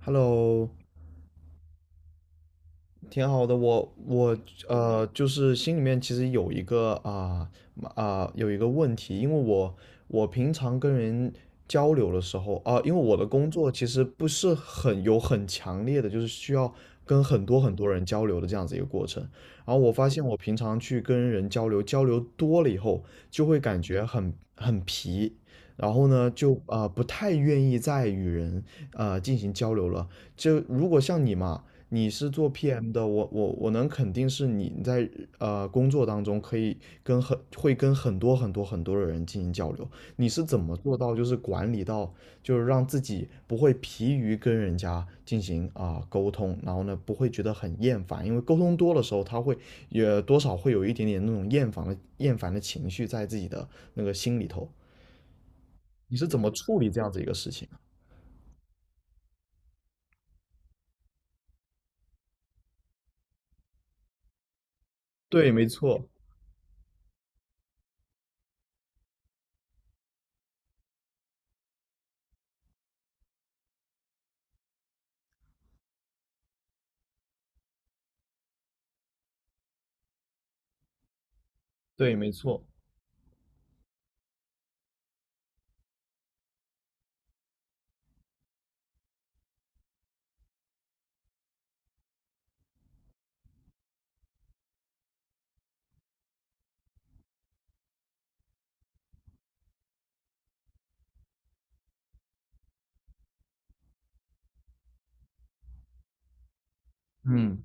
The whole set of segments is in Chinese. Hello，挺好的。我就是心里面其实有一个问题，因为我平常跟人交流的时候因为我的工作其实不是很有很强烈的，就是需要跟很多很多人交流的这样子一个过程。然后我发现我平常去跟人交流，交流多了以后，就会感觉很皮，然后呢，就不太愿意再与人进行交流了。就如果像你嘛，你是做 PM 的，我能肯定是你在工作当中可以跟很多很多很多的人进行交流。你是怎么做到就是管理到就是让自己不会疲于跟人家进行沟通，然后呢不会觉得很厌烦，因为沟通多的时候他会也多少会有一点点那种厌烦的情绪在自己的那个心里头。你是怎么处理这样子一个事情啊？对，没错。对，没错。嗯。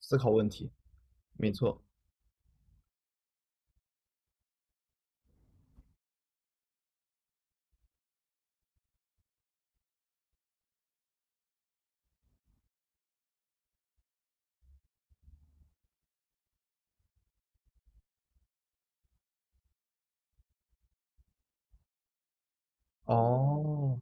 思考问题，没错。哦，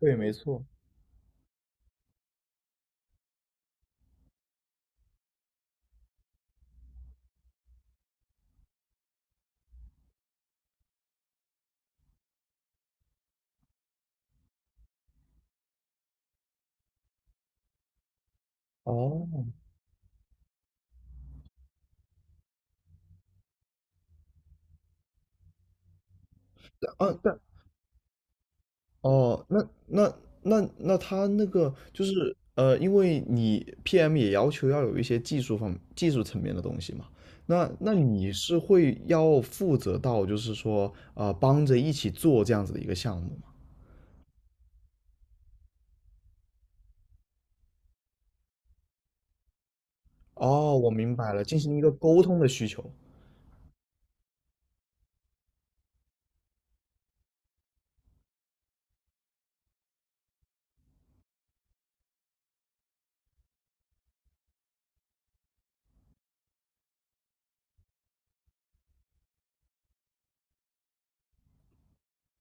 对，没错。哦。啊，但哦，那他那个就是因为你 PM 也要求要有一些技术层面的东西嘛，那你是会要负责到就是说帮着一起做这样子的一个项目吗？哦，我明白了，进行一个沟通的需求。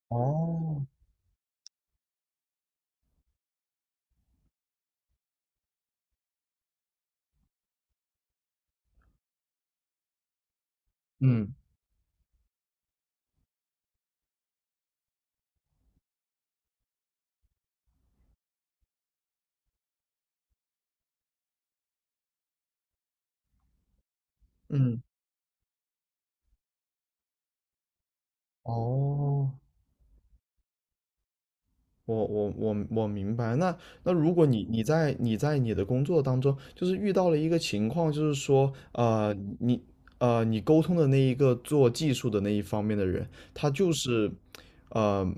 哦。嗯嗯。哦。我明白。那如果你在你的工作当中，就是遇到了一个情况，就是说，你你沟通的那一个做技术的那一方面的人，他就是呃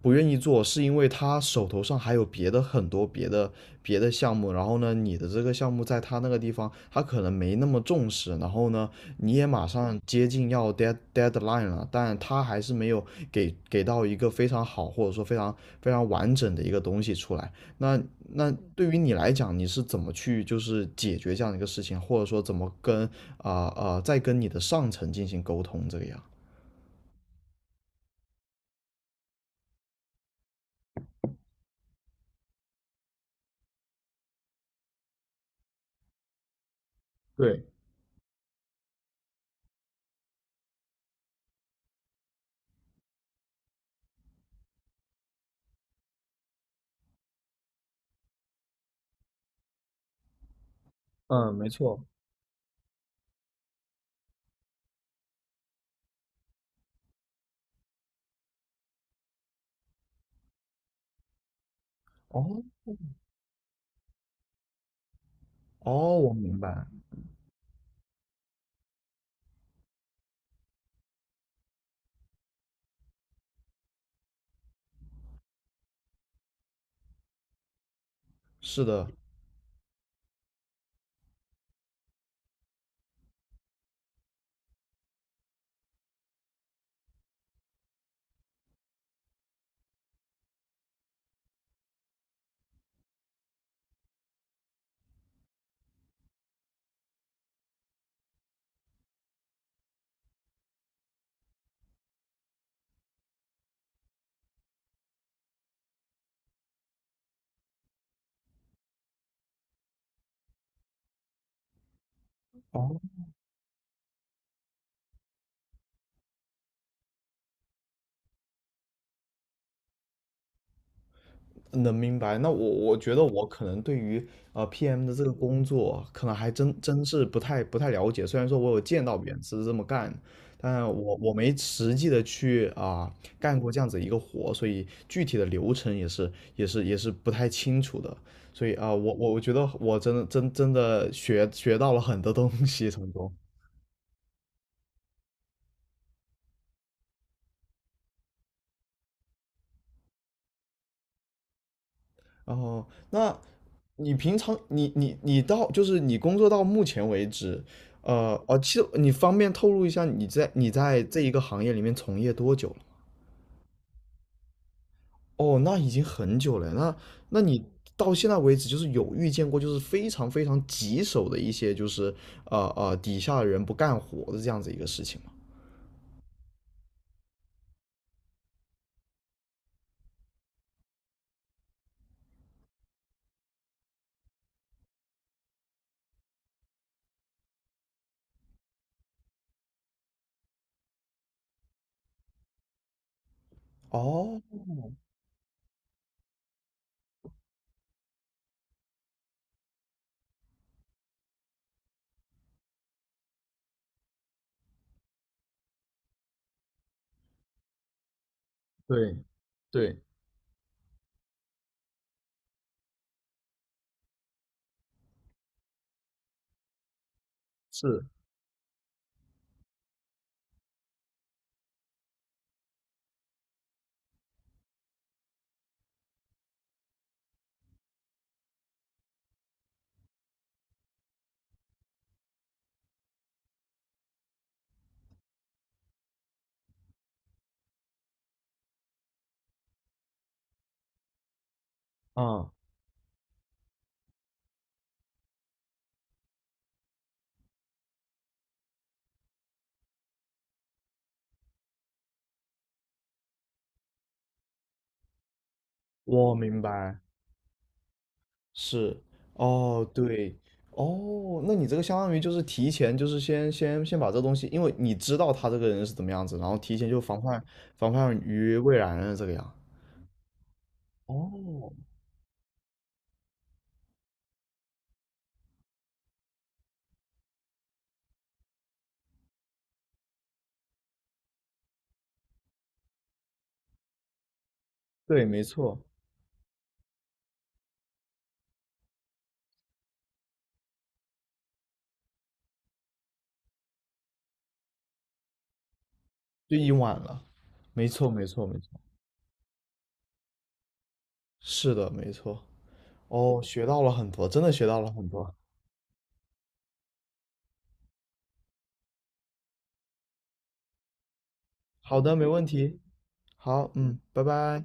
不愿意做，是因为他手头上还有别的很多别的项目，然后呢，你的这个项目在他那个地方，他可能没那么重视，然后呢，你也马上接近要 deadline 了，但他还是没有给到一个非常好或者说非常非常完整的一个东西出来。那那对于你来讲，你是怎么去就是解决这样的一个事情，或者说怎么跟再跟你的上层进行沟通这个样？嗯，没错。哦。哦，我明白。是的，能明白。那我觉得我可能对于PM 的这个工作，可能还真是不太了解。虽然说我有见到别人是这么干，但我没实际的去干过这样子一个活，所以具体的流程也是不太清楚的。所以我觉得我真的学到了很多东西从中。哦，那你平常你到就是你工作到目前为止，其实你方便透露一下你在这一个行业里面从业多久了吗？哦，那已经很久了。那你到现在为止，就是有遇见过就是非常非常棘手的一些就是底下的人不干活的这样子一个事情吗？哦，对。对。是。啊，我明白。是。哦。对。哦，那你这个相当于就是提前，就是先把这东西，因为你知道他这个人是怎么样子，然后提前就防范于未然了，这个样。哦，对，没错。就已经晚了。没错，没错，没错。是的，没错。哦，学到了很多，真的学到了很多。好的，没问题。好。嗯。拜拜。